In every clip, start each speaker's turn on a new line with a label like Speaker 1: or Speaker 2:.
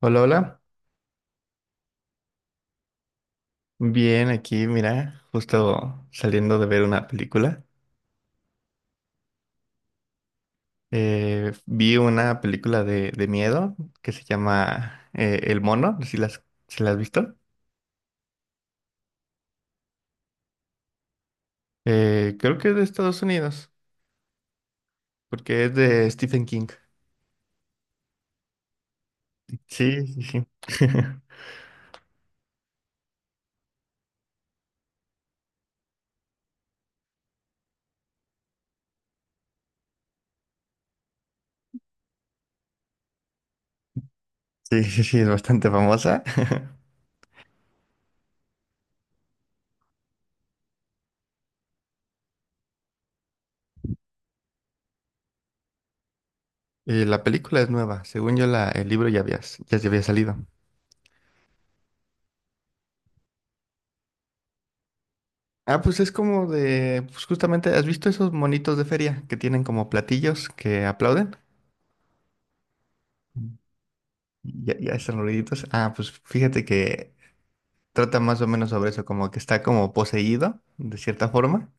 Speaker 1: Hola, hola. Bien, aquí, mira, justo saliendo de ver una película. Vi una película de miedo que se llama El Mono, si la has visto. Creo que es de Estados Unidos, porque es de Stephen King. Sí, sí, sí. Sí, sí, sí, es bastante famosa. Y la película es nueva. Según yo, el libro ya había, ya se había salido. Ah, pues es como de, pues justamente, ¿has visto esos monitos de feria que tienen como platillos que aplauden? Ya, ya están ruiditos. Ah, pues fíjate que trata más o menos sobre eso, como que está como poseído, de cierta forma.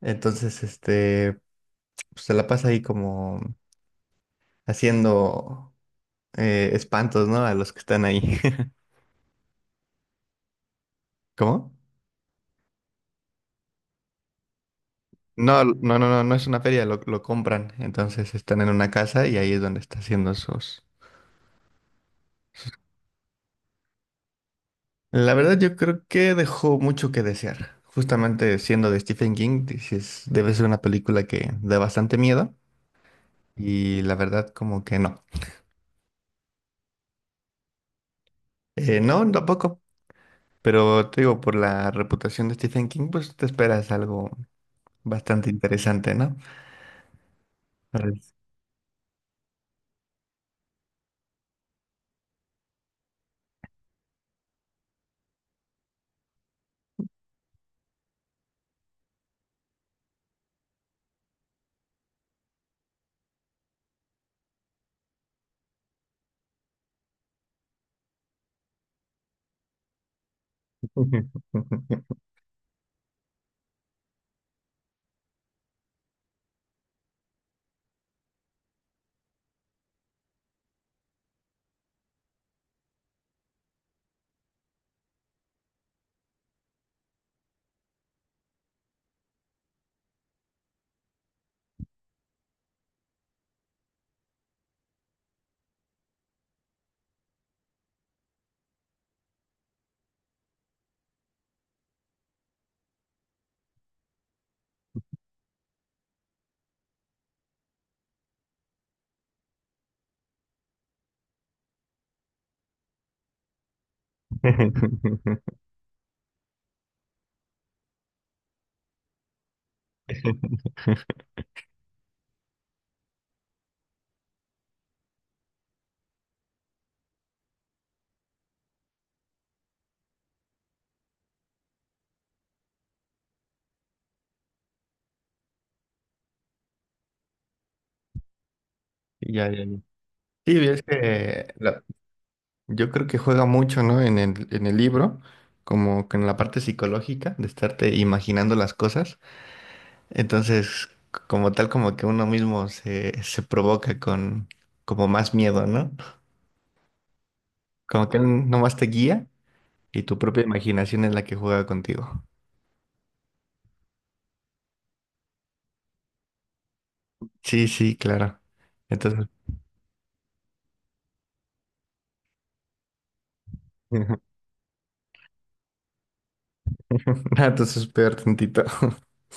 Speaker 1: Entonces, pues, se la pasa ahí como haciendo espantos, ¿no? A los que están ahí. ¿Cómo? No, no, no, no, no es una feria, lo compran. Entonces están en una casa y ahí es donde está haciendo sus... La verdad, yo creo que dejó mucho que desear. Justamente siendo de Stephen King, dices, debe ser una película que da bastante miedo. Y la verdad, como que no. No, tampoco. Pero te digo, por la reputación de Stephen King, pues te esperas algo bastante interesante, ¿no? Pues- Ya, ya, ya. Sí, yo creo que juega mucho, ¿no? En el libro, como que en la parte psicológica de estarte imaginando las cosas. Entonces, como tal, como que uno mismo se provoca con como más miedo, ¿no? Como que él nomás te guía. Y tu propia imaginación es la que juega contigo. Sí, sí, claro. Entonces, ah, entonces peor tantito.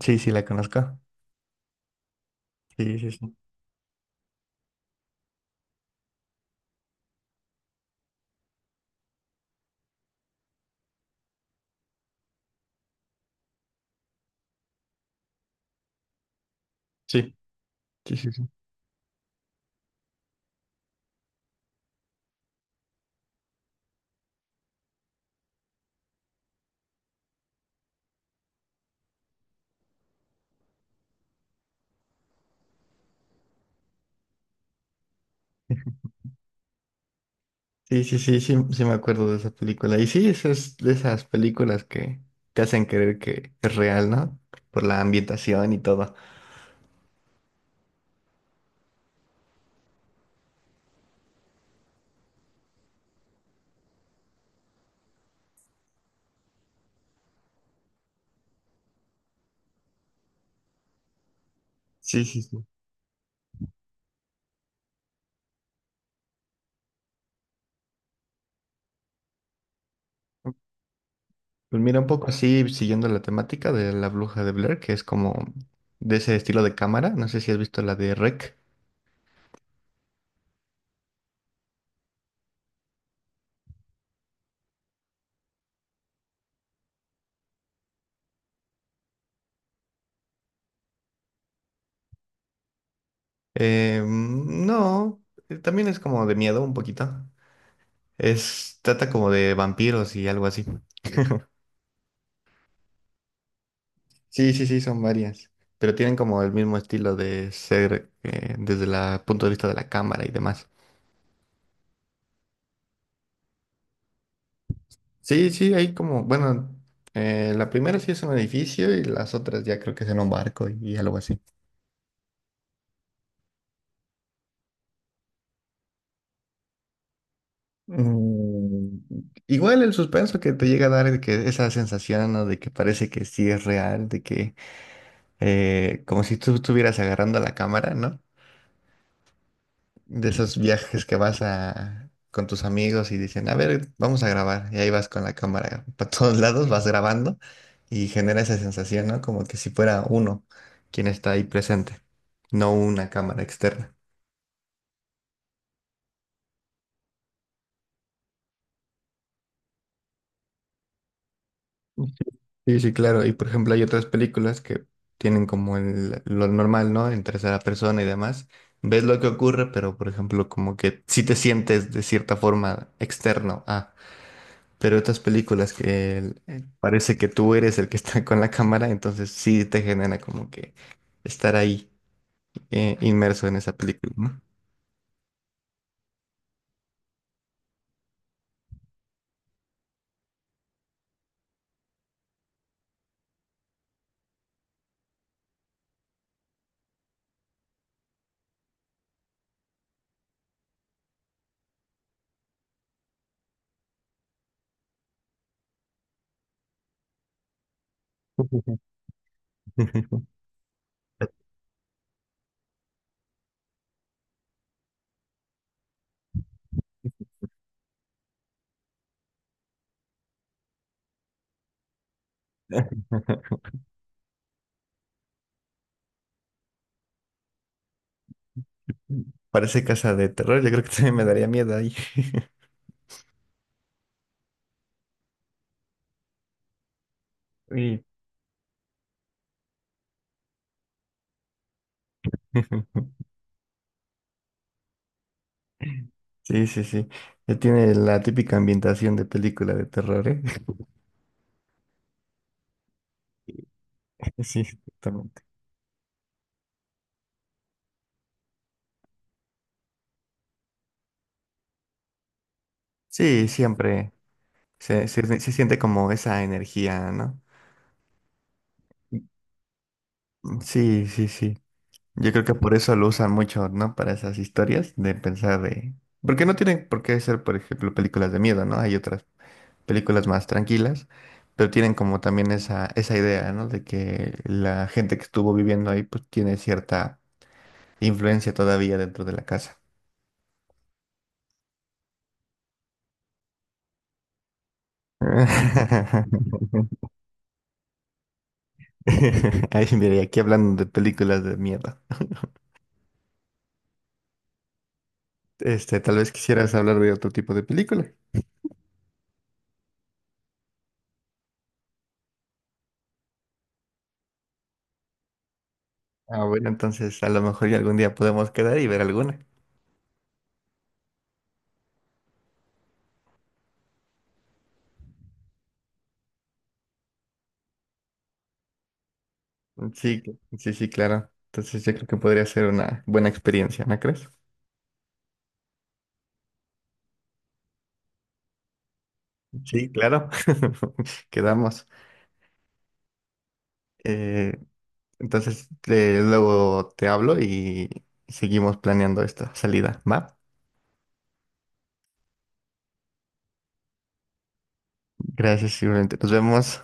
Speaker 1: Sí, sí, la conozco. Sí, sí, sí. Sí, sí, sí, sí. Sí, sí, sí, sí, sí me acuerdo de esa película. Y sí, eso es de esas películas que te hacen creer que es real, ¿no? Por la ambientación y todo. Sí, sí, sí. Pues mira, un poco así, siguiendo la temática de La Bruja de Blair, que es como de ese estilo de cámara. No sé si has visto la de REC. No, también es como de miedo un poquito. Es, trata como de vampiros y algo así. Sí, sí, sí, son varias. Pero tienen como el mismo estilo de ser desde el punto de vista de la cámara y demás. Sí, sí, hay como, bueno, la primera sí es un edificio y las otras ya creo que es en un barco y algo así. Mm, igual el suspenso que te llega a dar de que esa sensación, ¿no? De que parece que sí es real, de que como si tú estuvieras agarrando la cámara, ¿no? De esos viajes que vas con tus amigos y dicen, a ver, vamos a grabar. Y ahí vas con la cámara para todos lados, vas grabando y genera esa sensación, ¿no? Como que si fuera uno quien está ahí presente, no una cámara externa. Sí, sí, claro. Y por ejemplo, hay otras películas que tienen como lo normal, ¿no? En tercera persona y demás. Ves lo que ocurre, pero por ejemplo, como que sí te sientes de cierta forma externo. Pero otras películas que parece que tú eres el que está con la cámara, entonces sí te genera como que estar ahí inmerso en esa película, ¿no? Parece casa de terror, yo creo que también me daría miedo ahí. Y sí, sí, sí. Ya tiene la típica ambientación de película de terror, ¿eh? Sí, exactamente. Sí, siempre se siente como esa energía, ¿no? Mm, sí, sí, sí. Yo creo que por eso lo usan mucho, ¿no? Para esas historias de pensar de... Porque no tienen por qué ser, por ejemplo, películas de miedo, ¿no? Hay otras películas más tranquilas, pero tienen como también esa idea, ¿no? De que la gente que estuvo viviendo ahí, pues tiene cierta influencia todavía dentro de la casa. Ay, mira, y aquí hablando de películas de miedo. Este, tal vez quisieras hablar de otro tipo de película. Ah, bueno, entonces a lo mejor ya algún día podemos quedar y ver alguna. Sí, sí, sí, claro. Entonces yo creo que podría ser una buena experiencia, ¿no crees? Sí, claro. Quedamos. Eh, entonces luego te hablo y seguimos planeando esta salida, ¿va? Gracias, igualmente. Nos vemos.